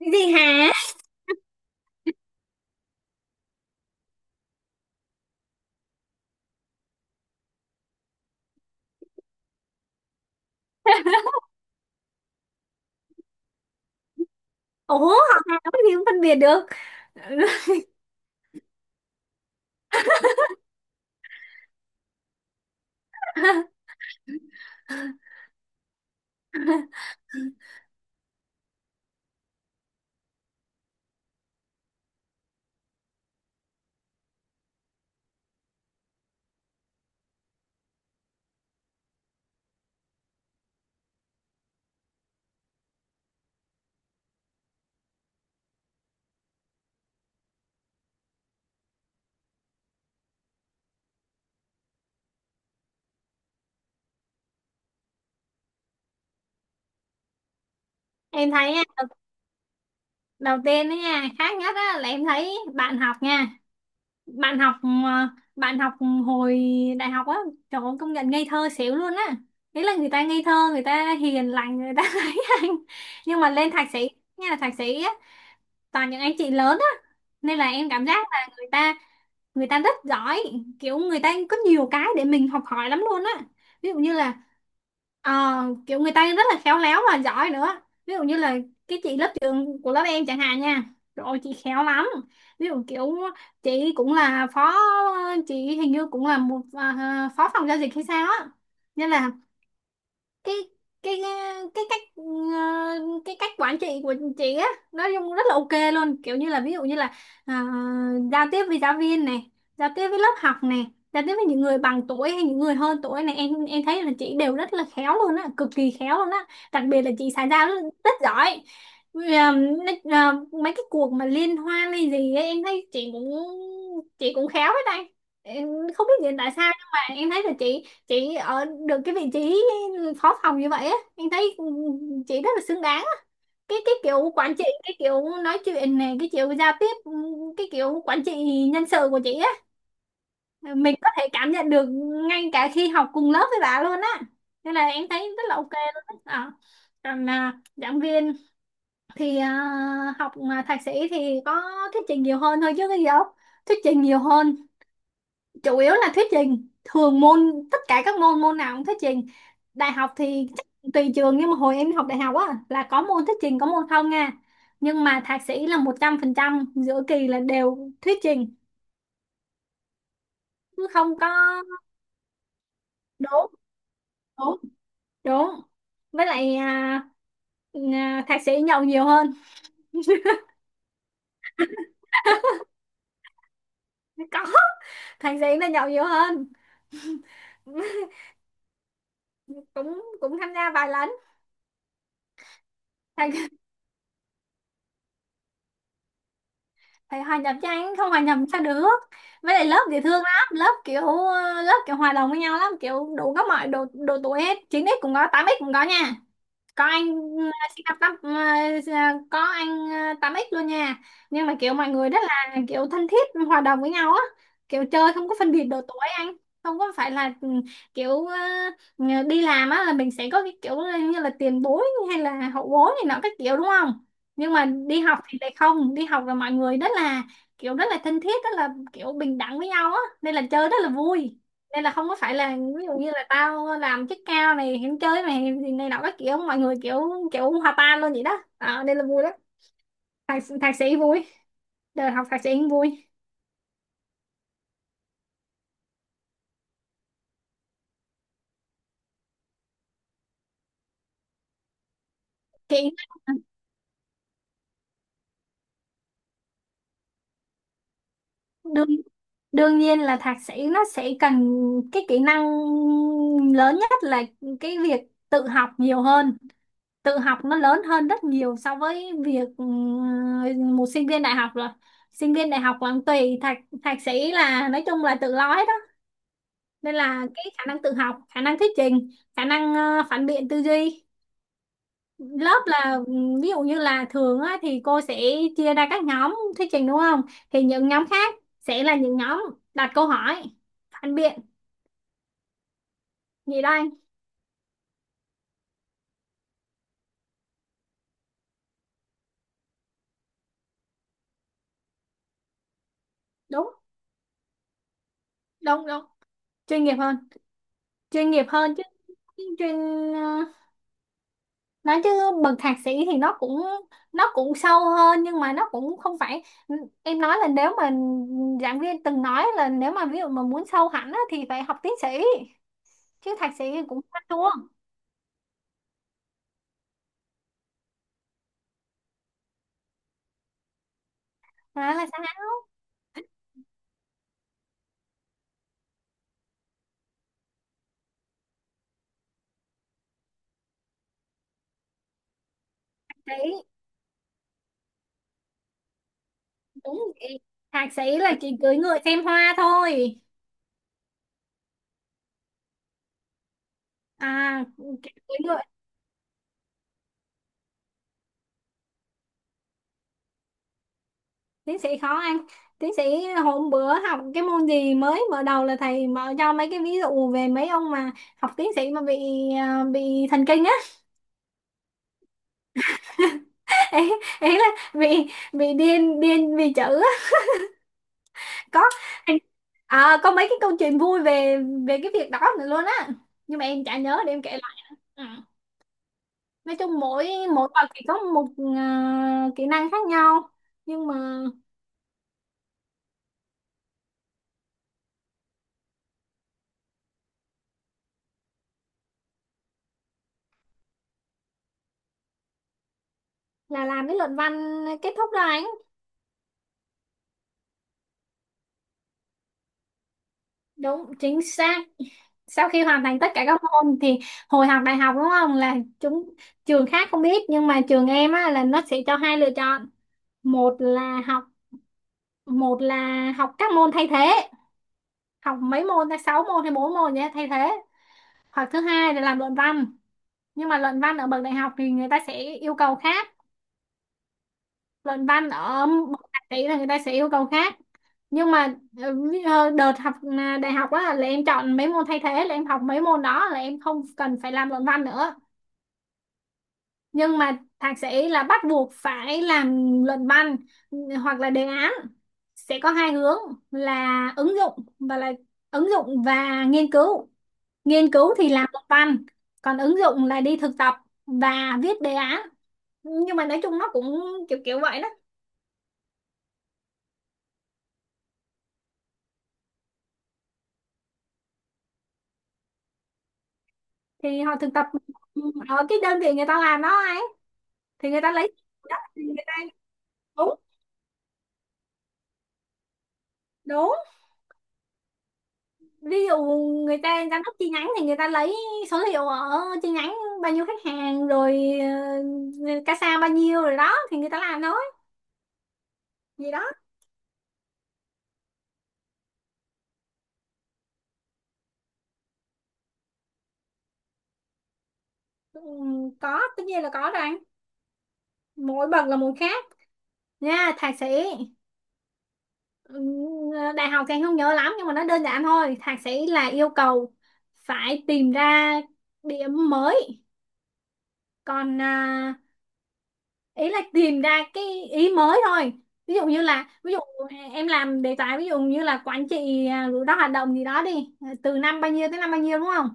Cái gì hả. Ủa, học Hàn nói gì cũng phân biệt được. Em thấy nha, đầu tiên đó nha, khác nhất á là em thấy bạn học nha, bạn học ờ, bạn học hồi đại học á. Trời ơi, công nhận ngây thơ xỉu luôn á. Đấy là người ta ngây thơ, người ta hiền lành, người ta ấy anh. Nhưng mà lên thạc sĩ, nghe là thạc sĩ á, toàn những anh chị lớn á, nên là em cảm giác là người ta rất giỏi, kiểu người ta có nhiều cái để mình học hỏi lắm luôn á. Ví dụ như là ờ, kiểu người ta rất là khéo léo và giỏi nữa. Ví dụ như là cái chị lớp trưởng của lớp em chẳng hạn nha, rồi chị khéo lắm. Ví dụ kiểu chị cũng là phó chị hình như cũng là một phó phòng giao dịch hay sao á. Nên là cái cái cái cách ờ, cái cách quản trị của chị á nói chung rất là ok luôn, kiểu như là ví dụ như là à, giao tiếp với giáo viên này, giao tiếp với lớp học này, giao tiếp với những người bằng tuổi hay những người hơn tuổi này, em thấy là chị đều rất là khéo luôn á, cực kỳ khéo luôn á. Đặc biệt là chị xã giao rất, rất giỏi. Vì mấy cái cuộc mà liên hoan hay gì ấy, em thấy chị cũng khéo hết đây. Em không biết hiện tại sao, nhưng mà em thấy là chị ở được cái vị trí phó phòng như vậy á, em thấy chị rất là xứng đáng á. Cái kiểu quản trị, cái kiểu nói chuyện này, cái kiểu giao tiếp, cái kiểu quản trị nhân sự của chị á, mình có thể cảm nhận được ngay cả khi học cùng lớp với bà luôn á, nên là em thấy rất là ok luôn á. Ờ. Còn giảng viên thì học mà thạc sĩ thì có thuyết trình nhiều hơn thôi chứ cái gì đâu, thuyết trình nhiều hơn, chủ yếu là thuyết trình thường môn, tất cả các môn, môn nào cũng thuyết trình. Đại học thì chắc tùy trường, nhưng mà hồi em học đại học á là có môn thuyết trình có môn không nha. Nhưng mà thạc sĩ là 100% giữa kỳ là đều thuyết trình, chứ không có. Đúng, đúng, đúng. Với lại thạc sĩ nhậu nhiều hơn. Có, thạc sĩ là nhậu nhiều hơn. cũng cũng tham gia vài lần. thạc Phải hòa nhập cho anh, không hòa nhập sao được. Với lại lớp dễ thương lắm, lớp kiểu lớp kiểu hòa đồng với nhau lắm, kiểu đủ các mọi độ độ tuổi hết, 9x cũng có, 8x cũng có nha. có anh sinh năm tám ờ, có anh 8x luôn nha. Nhưng mà kiểu mọi người rất là kiểu thân thiết, hòa đồng với nhau á, kiểu chơi không có phân biệt độ tuổi anh, không có phải là kiểu ờ, đi làm á là mình sẽ có cái kiểu như là tiền bối hay là hậu bối này nọ các kiểu đúng không. Nhưng mà đi học thì lại không, đi học là mọi người rất là kiểu, rất là thân thiết, rất là kiểu bình đẳng với nhau á, nên là chơi rất là vui. Nên là không có phải là ví dụ như là tao làm chức cao này hẹn chơi mày thì này nọ các kiểu, mọi người kiểu kiểu hòa tan luôn vậy đó, nên là vui lắm. Thạc sĩ vui, đời học thạc sĩ cũng vui. kỹ đương Đương nhiên là thạc sĩ nó sẽ cần cái kỹ năng lớn nhất là cái việc tự học nhiều hơn. Tự học nó lớn hơn rất nhiều so với việc một sinh viên đại học rồi. Sinh viên đại học còn tùy, thạc thạc sĩ là nói chung là tự lo hết. Nên là cái khả năng tự học, khả năng thuyết trình, khả năng phản biện tư duy. Lớp là ví dụ như là thường á, thì cô sẽ chia ra các nhóm thuyết trình đúng không, thì những nhóm khác sẽ là những nhóm đặt câu hỏi phản biện gì đó anh. Đúng, đúng, đúng. Chuyên nghiệp hơn, chuyên nghiệp hơn chứ. chuyên ờ, nói chứ bậc thạc sĩ thì nó cũng, nó cũng sâu hơn, nhưng mà nó cũng không phải. Em nói là nếu mà, giảng viên từng nói là nếu mà ví dụ mà muốn sâu hẳn á, thì phải học tiến sĩ, chứ thạc sĩ thì cũng hoa chuông. Đó là sao. Đấy. Đúng vậy, thạc sĩ là chỉ cưỡi ngựa xem hoa thôi. À, cưỡi ngựa. Tiến sĩ khó ăn, tiến sĩ. Hôm bữa học cái môn gì, mới mở đầu là thầy mở cho mấy cái ví dụ về mấy ông mà học tiến sĩ mà bị bị thần kinh á. ý, Ý là bị bị điên điên vì chữ á. Có, có mấy cái câu chuyện vui về về cái việc đó nữa luôn á, nhưng mà em chả nhớ để em kể lại. Ừ. Nói chung mỗi mỗi bậc thì có một kỹ năng khác nhau, nhưng mà là làm cái luận văn kết thúc đó anh. Đúng, chính xác. Sau khi hoàn thành tất cả các môn thì, hồi học đại học đúng không là trường khác không biết nhưng mà trường em á, là nó sẽ cho hai lựa chọn. một là học Một là học các môn thay thế, học mấy môn ta, sáu môn hay bốn môn nhé thay thế, hoặc thứ hai là làm luận văn. Nhưng mà luận văn ở bậc đại học thì người ta sẽ yêu cầu khác, luận văn ở một tạp chí là người ta sẽ yêu cầu khác. Nhưng mà đợt học đại học á là em chọn mấy môn thay thế, là em học mấy môn đó là em không cần phải làm luận văn nữa. Nhưng mà thạc sĩ là bắt buộc phải làm luận văn. ừ, Hoặc là đề án, sẽ có hai hướng là ứng dụng và nghiên cứu. Nghiên cứu thì làm luận văn, còn ứng dụng là đi thực tập và viết đề án. Nhưng mà nói chung nó cũng kiểu kiểu vậy đó. Thì họ thực tập ở cái đơn vị người ta làm đó ấy. Thì người ta lấy Đó thì người ta. Đúng, đúng. Ví dụ người ta giám đốc chi nhánh thì người ta lấy số liệu ở chi nhánh, bao nhiêu khách hàng rồi, casa bao nhiêu rồi, đó thì người ta làm thôi gì đó. Ừ, có, tất nhiên là có rồi anh, mỗi bậc là một khác nha. Thạc sĩ, ừ, đại học thì anh không nhớ lắm nhưng mà nó đơn giản thôi, thạc sĩ là yêu cầu phải tìm ra điểm mới. Còn ý là tìm ra cái ý mới thôi. Ví dụ như là, ví dụ em làm đề tài ví dụ như là quản trị rủi ro hoạt động gì đó đi. À, từ năm bao nhiêu tới năm bao nhiêu đúng không.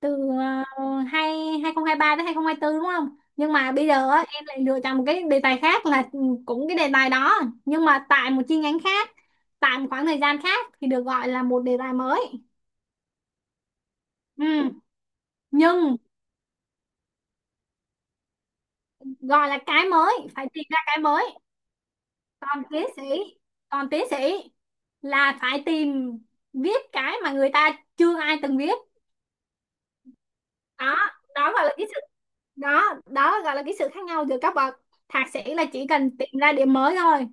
Từ hai 2023 tới 2024 đúng không. Nhưng mà bây giờ á, em lại lựa chọn một cái đề tài khác là cũng cái đề tài đó, nhưng mà tại một chi nhánh khác, tại một khoảng thời gian khác, thì được gọi là một đề tài mới. Ừ. Nhưng gọi là cái mới phải tìm ra cái mới. còn tiến sĩ Còn tiến sĩ là phải tìm viết cái mà người ta chưa ai từng viết. Đó đó gọi là cái sự Đó đó gọi là cái sự khác nhau giữa các bậc. Thạc sĩ là chỉ cần tìm ra điểm mới thôi,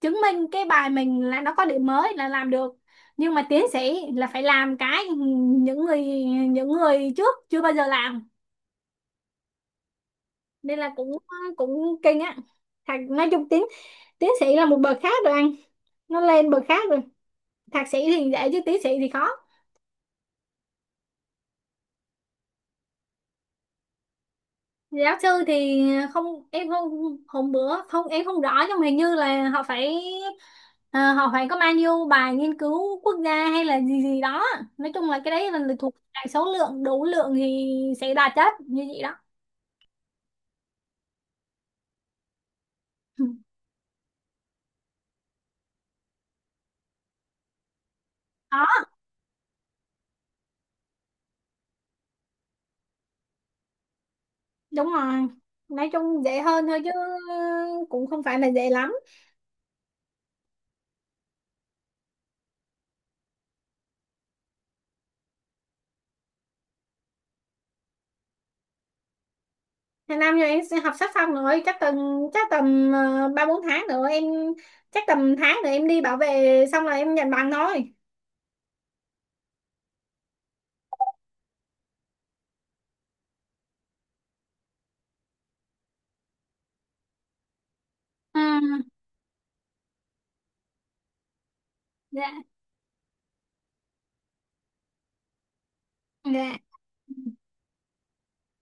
chứng minh cái bài mình là nó có điểm mới là làm được. Nhưng mà tiến sĩ là phải làm cái những người những người trước chưa bao giờ làm. Nên là cũng cũng kinh á. Thạc, nói chung tiến Tiến sĩ là một bậc khác rồi anh, nó lên bậc khác rồi. Thạc sĩ thì dễ chứ tiến sĩ thì khó. Giáo sư thì không em không hôm bữa không em không rõ, nhưng mà hình như là họ phải, có bao nhiêu bài nghiên cứu quốc gia hay là gì gì đó. Nói chung là cái đấy là thuộc đại số lượng, đủ lượng thì sẽ đa chất như vậy đó. Ừ. Đó. Đúng rồi, nói chung dễ hơn thôi chứ cũng không phải là dễ lắm. Hàng năm rồi em sẽ học sắp xong rồi, chắc tầm 3-4 tháng nữa em, chắc tầm tháng nữa em đi bảo vệ xong rồi em nhận bằng thôi. Ừ. Dạ, dạ.